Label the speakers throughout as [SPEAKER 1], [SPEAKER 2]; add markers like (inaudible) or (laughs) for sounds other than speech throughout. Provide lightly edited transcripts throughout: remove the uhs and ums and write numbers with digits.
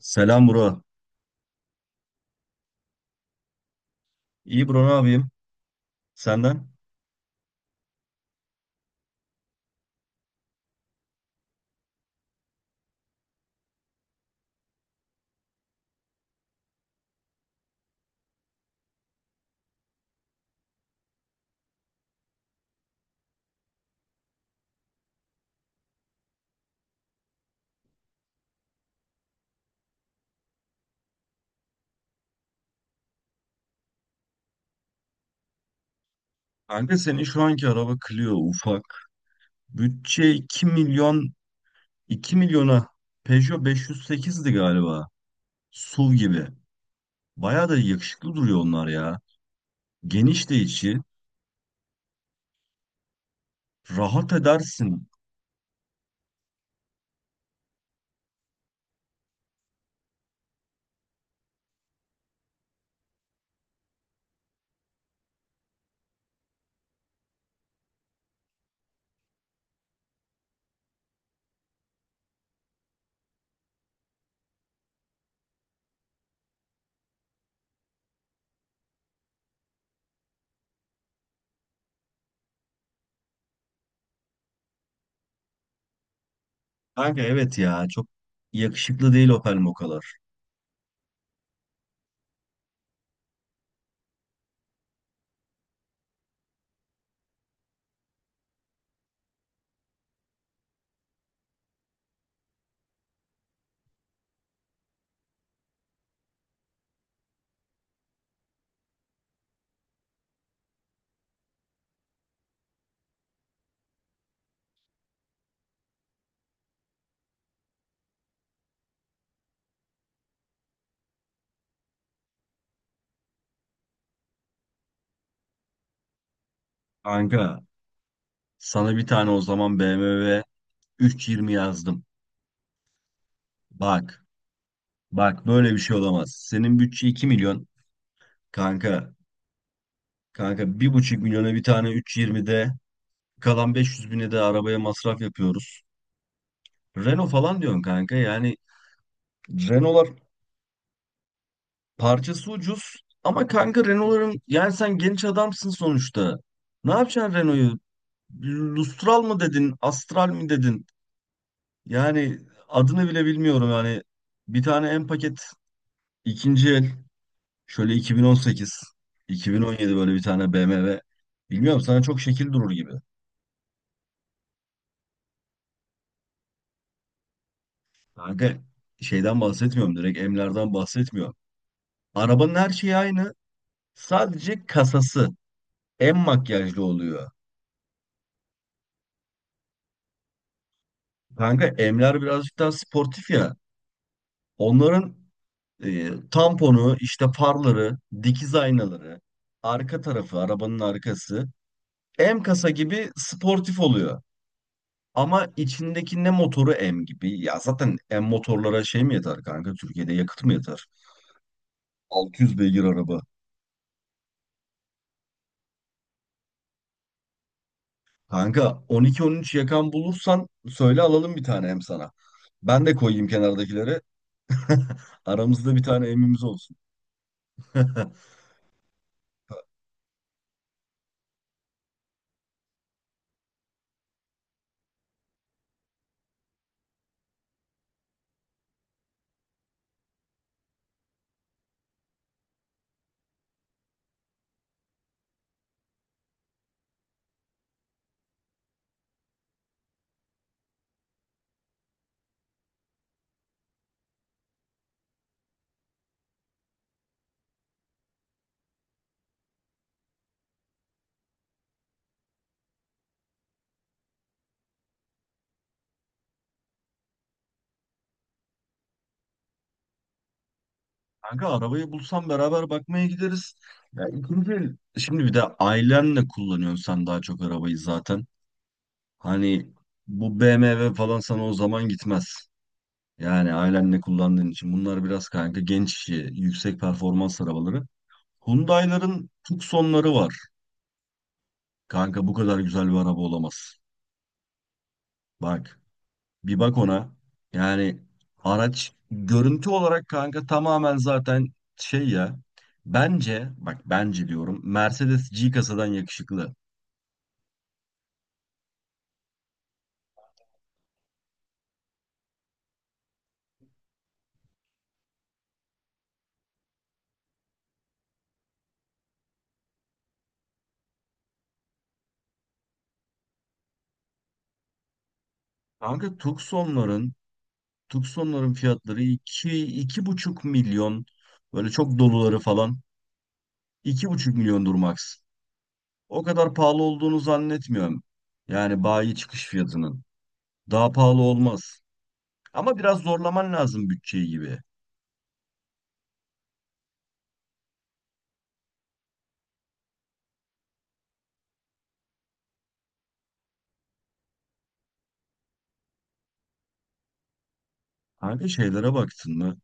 [SPEAKER 1] Selam bro. İyi bro, ne yapayım? Senden? Kanka senin şu anki araba Clio ufak. Bütçe 2 milyon, 2 milyona Peugeot 508'di galiba. SUV gibi. Bayağı da yakışıklı duruyor onlar ya. Geniş de içi. Rahat edersin. Kanka evet ya, çok yakışıklı değil Opel Moka'lar. Kanka sana bir tane o zaman BMW 320 yazdım. Bak bak, böyle bir şey olamaz. Senin bütçe 2 milyon. Kanka Kanka 1,5 milyona bir tane 3.20'de, kalan 500 bine de arabaya masraf yapıyoruz. Renault falan diyorsun kanka, yani Renault'lar parçası ucuz ama kanka Renault'ların, yani sen genç adamsın sonuçta. Ne yapacaksın Renault'u? Lustral mı dedin, Astral mi dedin? Yani adını bile bilmiyorum yani. Bir tane en paket ikinci el, şöyle 2018, 2017 böyle bir tane BMW. Bilmiyorum, sana çok şekil durur gibi. Kanka şeyden bahsetmiyorum, direkt Emler'den bahsetmiyorum. Arabanın her şeyi aynı. Sadece kasası en makyajlı oluyor. Kanka Emler birazcık daha sportif ya. Onların tamponu, işte farları, dikiz aynaları, arka tarafı, arabanın arkası M kasa gibi sportif oluyor. Ama içindeki ne motoru M gibi. Ya zaten M motorlara şey mi yeter kanka? Türkiye'de yakıt mı yeter? 600 beygir araba. Kanka 12-13 yakan bulursan söyle, alalım bir tane hem sana. Ben de koyayım kenardakileri. (laughs) Aramızda bir tane emimiz olsun. (laughs) Kanka arabayı bulsam beraber bakmaya gideriz. Şimdi bir de ailenle kullanıyorsun sen daha çok arabayı zaten. Hani bu BMW falan sana o zaman gitmez. Yani ailenle kullandığın için bunlar biraz kanka genç işi, yüksek performans arabaları. Hyundai'ların Tucson'ları var. Kanka bu kadar güzel bir araba olamaz. Bak. Bir bak ona. Yani araç görüntü olarak kanka tamamen zaten şey ya. Bence bak, bence diyorum, Mercedes G kasadan yakışıklı. Kanka Tucson'ların fiyatları iki, 2,5 milyon, böyle çok doluları falan 2,5 milyondur max. O kadar pahalı olduğunu zannetmiyorum. Yani bayi çıkış fiyatının. Daha pahalı olmaz. Ama biraz zorlaman lazım bütçeyi gibi. Kanka şeylere baktın mı?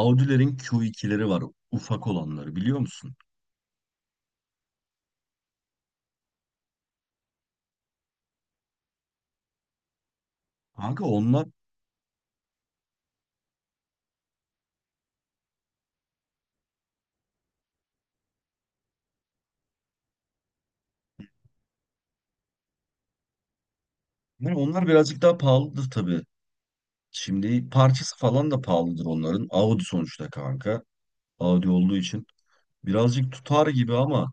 [SPEAKER 1] Audi'lerin Q2'leri var. Ufak olanları biliyor musun? Kanka onlar, yani onlar birazcık daha pahalıdır tabii. Şimdi parçası falan da pahalıdır onların. Audi sonuçta kanka. Audi olduğu için. Birazcık tutar gibi ama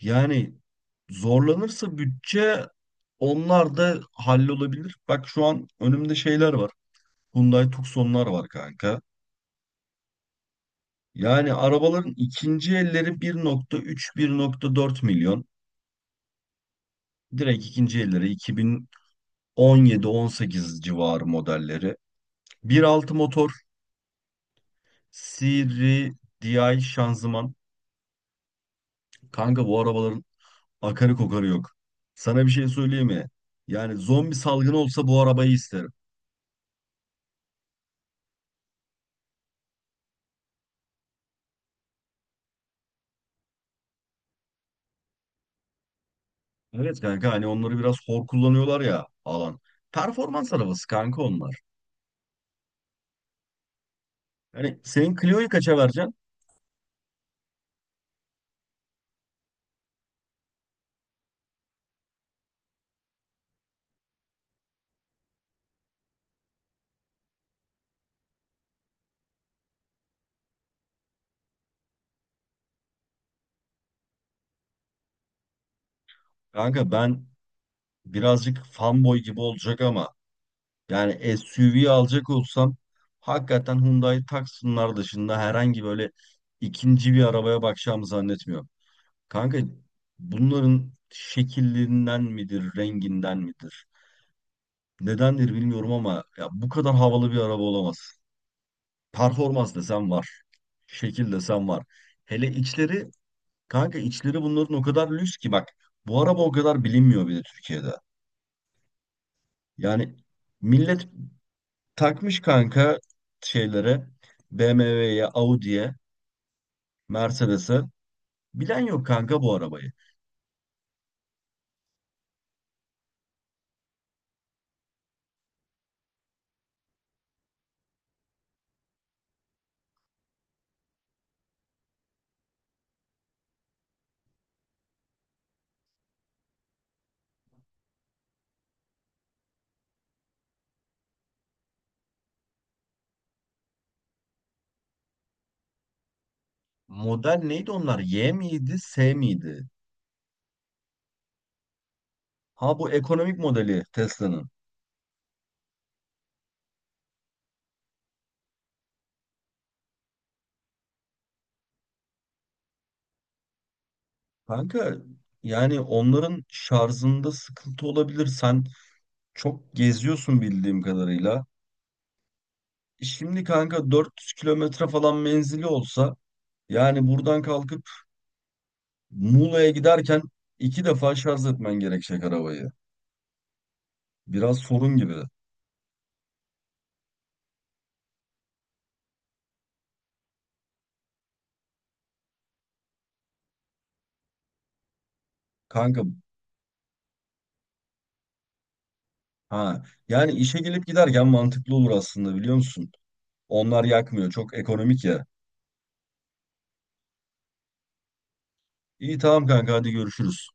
[SPEAKER 1] yani zorlanırsa bütçe, onlar da hallolabilir. Bak şu an önümde şeyler var. Hyundai Tucson'lar var kanka. Yani arabaların ikinci elleri 1.3-1.4 milyon. Direkt ikinci elleri 17-18 civarı modelleri. 1.6 motor, Siri DI şanzıman. Kanka bu arabaların akarı kokarı yok. Sana bir şey söyleyeyim mi? Yani zombi salgını olsa bu arabayı isterim. Evet kanka, hani onları biraz hor kullanıyorlar ya alan. Performans arabası kanka onlar. Hani senin Clio'yu kaça vereceksin? Kanka ben birazcık fanboy gibi olacak ama, yani SUV alacak olsam hakikaten Hyundai Tucson'lar dışında herhangi böyle ikinci bir arabaya bakacağımı zannetmiyorum. Kanka bunların şekillerinden midir, renginden midir? Nedendir bilmiyorum ama ya bu kadar havalı bir araba olamaz. Performans desem var. Şekil desem var. Hele içleri, kanka içleri bunların o kadar lüks ki, bak bu araba o kadar bilinmiyor bile Türkiye'de. Yani millet takmış kanka şeylere, BMW'ye, Audi'ye, Mercedes'e. Bilen yok kanka bu arabayı. Model neydi onlar? Y miydi, S miydi? Ha, bu ekonomik modeli Tesla'nın. Kanka yani onların şarjında sıkıntı olabilir. Sen çok geziyorsun bildiğim kadarıyla. Şimdi kanka 400 kilometre falan menzili olsa, yani buradan kalkıp Muğla'ya giderken iki defa şarj etmen gerekecek arabayı. Biraz sorun gibi. Kanka ha, yani işe gelip giderken mantıklı olur aslında, biliyor musun? Onlar yakmıyor. Çok ekonomik ya. İyi tamam kanka, hadi görüşürüz.